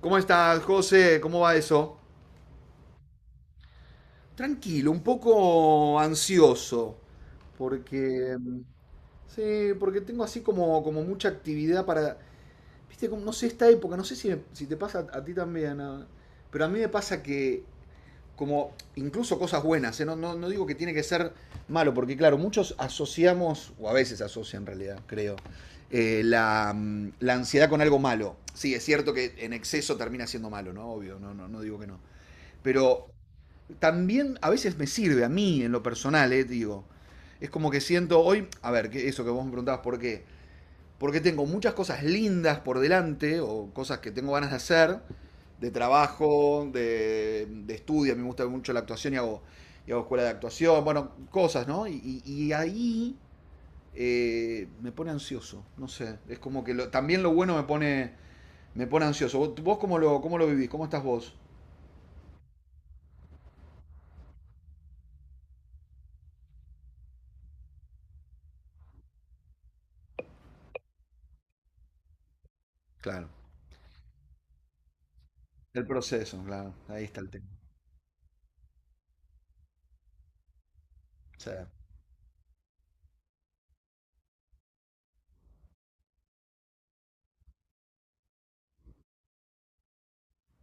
¿Cómo estás, José? ¿Cómo va eso? Tranquilo, un poco ansioso, porque sí, porque tengo así como mucha actividad para, viste, como, no sé, esta época, no sé si, si te pasa a ti también, ah, pero a mí me pasa que, como, incluso cosas buenas, ¿eh? No, no, no digo que tiene que ser malo, porque claro, muchos asociamos, o a veces asocian en realidad, creo, la ansiedad con algo malo. Sí, es cierto que en exceso termina siendo malo, ¿no? Obvio, no, no, no digo que no. Pero también a veces me sirve a mí en lo personal, digo. Es como que siento hoy, a ver, que eso que vos me preguntabas, ¿por qué? Porque tengo muchas cosas lindas por delante o cosas que tengo ganas de hacer, de trabajo, de estudio, a mí me gusta mucho la actuación y hago escuela de actuación, bueno, cosas, ¿no? Y ahí me pone ansioso, no sé, es como que también lo bueno me pone ansioso. ¿Vos cómo lo vivís? ¿Cómo estás vos? Claro, el proceso, claro, ahí está el tema. Sí.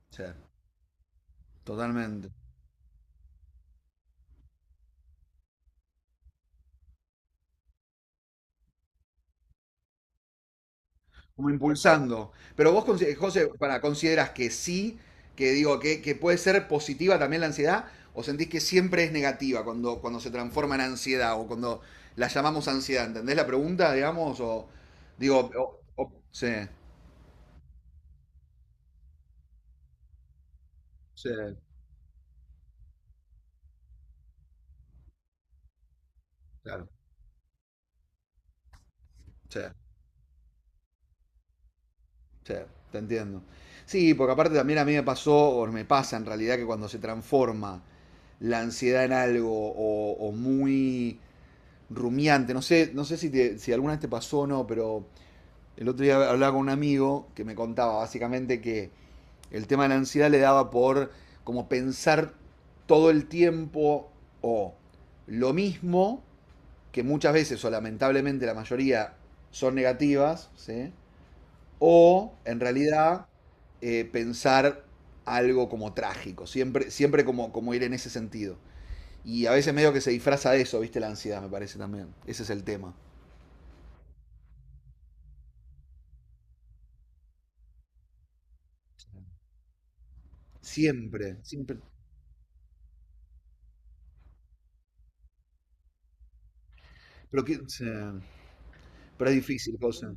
Sí, totalmente. Como impulsando. Pero vos, José, para, ¿consideras que sí, que digo, que puede ser positiva también la ansiedad? ¿O sentís que siempre es negativa cuando se transforma en ansiedad o cuando la llamamos ansiedad? ¿Entendés la pregunta, digamos? O digo, sí, sí, claro, sí, sí, te entiendo. Sí, porque aparte también a mí me pasó, o me pasa en realidad, que cuando se transforma la ansiedad en algo o muy rumiante. No sé si alguna vez te pasó o no, pero el otro día hablaba con un amigo que me contaba básicamente que el tema de la ansiedad le daba por como pensar todo el tiempo o lo mismo, que muchas veces o lamentablemente la mayoría son negativas, ¿sí? O en realidad pensar algo como trágico, siempre, siempre como ir en ese sentido. Y a veces medio que se disfraza de eso, ¿viste? La ansiedad, me parece también. Ese es el tema. Siempre, siempre. Pero, o sea, pero es difícil, cosa.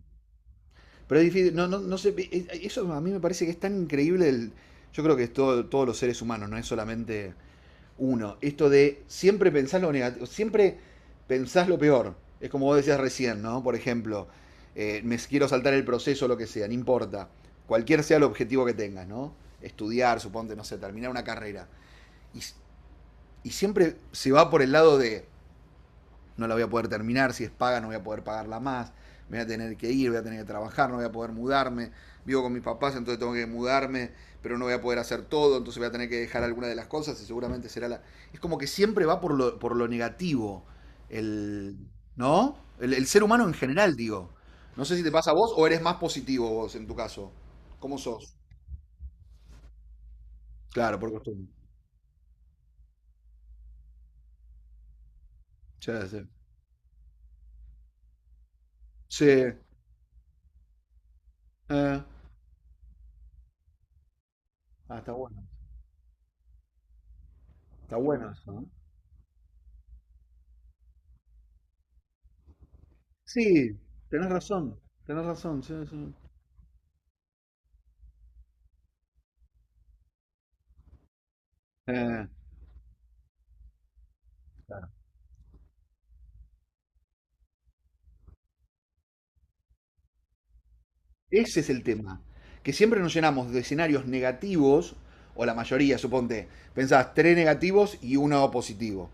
Pero es difícil, no, no, no sé, eso a mí me parece que es tan increíble, yo creo que es todos los seres humanos, no es solamente uno. Esto de siempre pensar lo negativo, siempre pensás lo peor. Es como vos decías recién, ¿no? Por ejemplo, me quiero saltar el proceso, lo que sea, no importa. Cualquier sea el objetivo que tengas, ¿no? Estudiar, suponte, no sé, terminar una carrera. Y, s- y siempre se va por el lado de no la voy a poder terminar, si es paga no voy a poder pagarla más, me voy a tener que ir, voy a tener que trabajar, no voy a poder mudarme, vivo con mis papás, entonces tengo que mudarme, pero no voy a poder hacer todo, entonces voy a tener que dejar alguna de las cosas y seguramente será la... Es como que siempre va por lo negativo, el, ¿no? El ser humano en general, digo. No sé si te pasa a vos o eres más positivo vos en tu caso. ¿Cómo sos? Claro, por costumbre. Sí, sí. Sí. eh, Ah, está bueno. Está bueno eso, ¿no? Sí, tenés razón, tenés razón. Sí, sí. Eh, Ese es el tema. Que siempre nos llenamos de escenarios negativos, o la mayoría, suponte. Pensás tres negativos y uno positivo.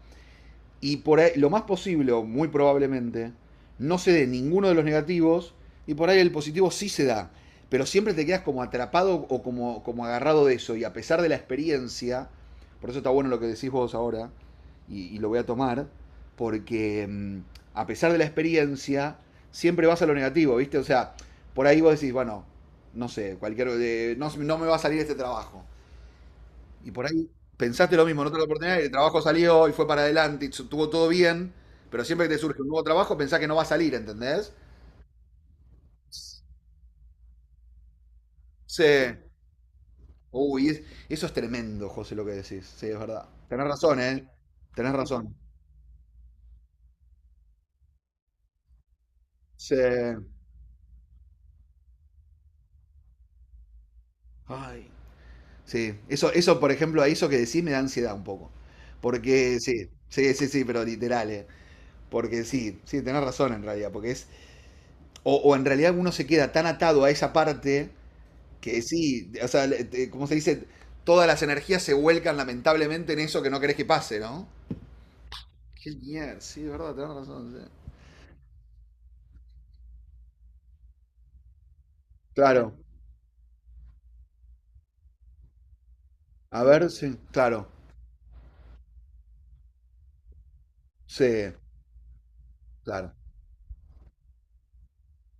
Y por ahí, lo más posible, o muy probablemente, no se dé ninguno de los negativos y por ahí el positivo sí se da. Pero siempre te quedas como atrapado o como agarrado de eso. Y a pesar de la experiencia, por eso está bueno lo que decís vos ahora, y lo voy a tomar, porque a pesar de la experiencia, siempre vas a lo negativo, ¿viste? O sea, por ahí vos decís, bueno, no sé, cualquier. No me va a salir este trabajo. Y por ahí pensaste lo mismo en otra oportunidad, y el trabajo salió y fue para adelante y estuvo todo bien, pero siempre que te surge un nuevo trabajo pensás que no va a salir, ¿entendés? Sí. Uy, eso es tremendo, José, lo que decís. Sí, es verdad. Tenés razón, ¿eh? Tenés razón. Sí. Ay. Sí, eso, por ejemplo, a eso que decís me da ansiedad un poco. Porque sí, sí, sí, sí, pero literal, ¿eh? Porque sí, sí, tenés razón en realidad, porque es... O en realidad uno se queda tan atado a esa parte que sí, o sea, como se dice, todas las energías se vuelcan lamentablemente en eso que no querés que pase, ¿no? Qué mierda, sí, de verdad, tenés razón. Sí. Claro, a ver, sí, claro, sí, claro,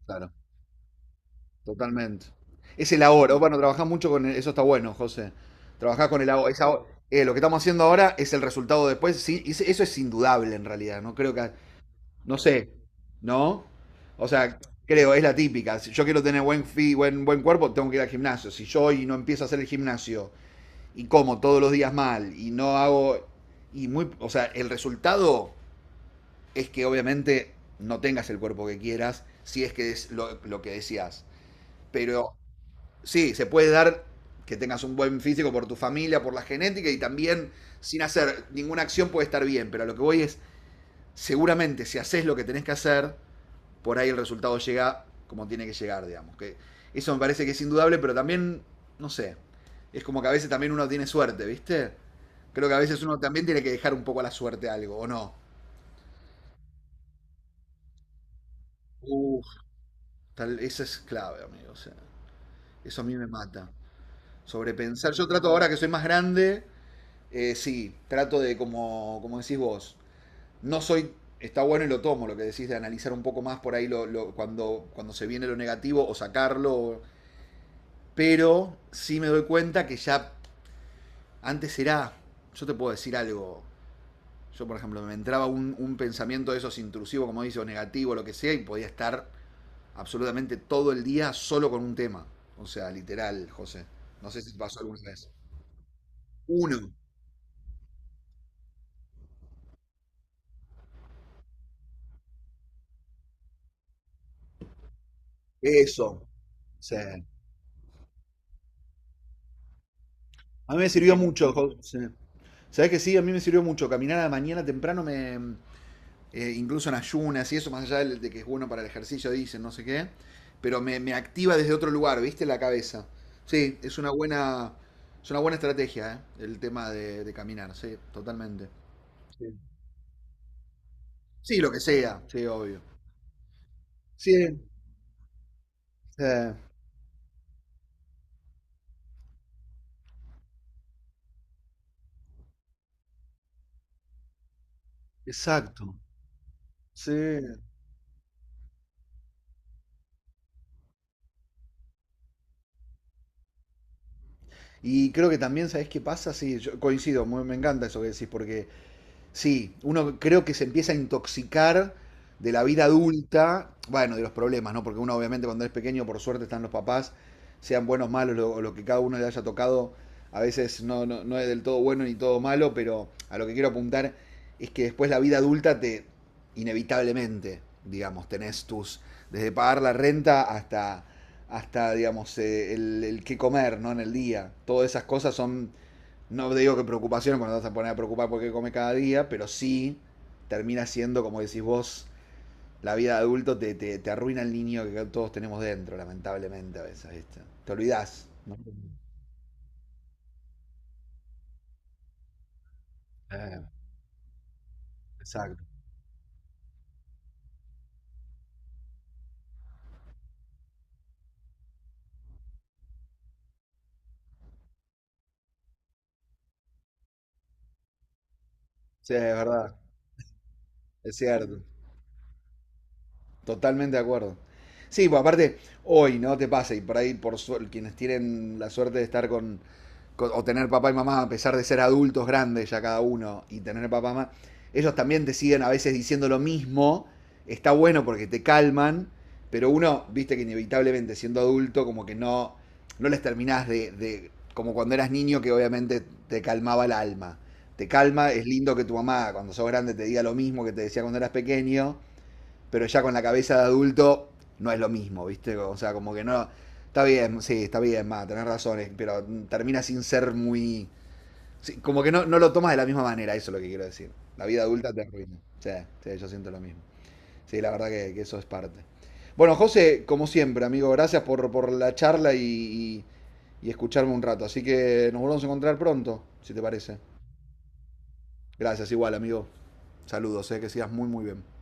claro, totalmente. Es el ahora, oh, bueno, trabajás mucho con eso, está bueno, José. Trabajás con el ahora, lo que estamos haciendo ahora es el resultado después, sí, eso es indudable en realidad, no creo que no sé, ¿no? O sea, creo, es la típica. Si yo quiero tener buen cuerpo, tengo que ir al gimnasio. Si yo hoy no empiezo a hacer el gimnasio y como todos los días mal y no hago. Y o sea, el resultado es que obviamente no tengas el cuerpo que quieras, si es que es lo que decías. Pero sí, se puede dar que tengas un buen físico por tu familia, por la genética y también sin hacer ninguna acción puede estar bien. Pero a lo que voy es, seguramente si haces lo que tenés que hacer, por ahí el resultado llega como tiene que llegar, digamos. Que eso me parece que es indudable, pero también, no sé, es como que a veces también uno tiene suerte, ¿viste? Creo que a veces uno también tiene que dejar un poco a la suerte algo, ¿o no? Tal, eso es clave, amigo. O sea, eso a mí me mata. Sobrepensar. Yo trato ahora que soy más grande, sí, trato de, como decís vos, no soy, está bueno y lo tomo, lo que decís de analizar un poco más por ahí cuando se viene lo negativo o sacarlo, pero sí me doy cuenta que ya antes era, yo te puedo decir algo, yo por ejemplo me entraba un pensamiento de esos intrusivo, como dice, o negativo, lo que sea, y podía estar absolutamente todo el día solo con un tema. O sea, literal, José. No sé si te pasó alguna vez. Uno, eso. Sí. A mí me sirvió mucho, José. ¿Sabes que sí? A mí me sirvió mucho. Caminar a la mañana temprano me, incluso en ayunas y eso, más allá de, que es bueno para el ejercicio, dicen, no sé qué, pero me activa desde otro lugar, ¿viste? La cabeza. Sí, es una buena estrategia, ¿eh? El tema de caminar, sí, totalmente. Sí, sí, lo que sea, sí, obvio. Sí, eh, exacto. Sí, y creo que también, ¿sabés qué pasa? Sí, yo coincido, me encanta eso que decís, porque sí, uno creo que se empieza a intoxicar de la vida adulta, bueno, de los problemas, ¿no? Porque uno obviamente cuando es pequeño, por suerte están los papás, sean buenos, malos, lo que cada uno le haya tocado, a veces no es del todo bueno ni todo malo, pero a lo que quiero apuntar es que después la vida adulta te, inevitablemente, digamos, tenés tus, desde pagar la renta hasta, digamos, el qué comer, ¿no? En el día. Todas esas cosas son no digo que preocupación cuando te vas a poner a preocupar por qué come cada día, pero sí termina siendo, como decís vos, la vida de adulto te arruina el niño que todos tenemos dentro, lamentablemente a veces, ¿viste? Te olvidás, ¿no? Eh, exacto. Sí, es verdad, es cierto. Totalmente de acuerdo. Sí, pues aparte, hoy, ¿no? Te pasa, y por ahí, quienes tienen la suerte de estar con, o tener papá y mamá, a pesar de ser adultos grandes ya cada uno, y tener papá y mamá, ellos también te siguen a veces diciendo lo mismo, está bueno porque te calman, pero uno, viste que inevitablemente siendo adulto, como que no les terminás como cuando eras niño, que obviamente te calmaba el alma. Te calma, es lindo que tu mamá, cuando sos grande, te diga lo mismo que te decía cuando eras pequeño, pero ya con la cabeza de adulto no es lo mismo, ¿viste? O sea, como que no. Está bien, sí, está bien, más, tenés razones, pero termina sin ser muy. Sí, como que no lo tomas de la misma manera, eso es lo que quiero decir. La vida adulta te arruina. Sí, sí, yo siento lo mismo. Sí, la verdad que eso es parte. Bueno, José, como siempre, amigo, gracias por la charla y, escucharme un rato. Así que nos volvemos a encontrar pronto, si te parece. Gracias, igual, amigo. Saludos, que sigas muy, muy bien.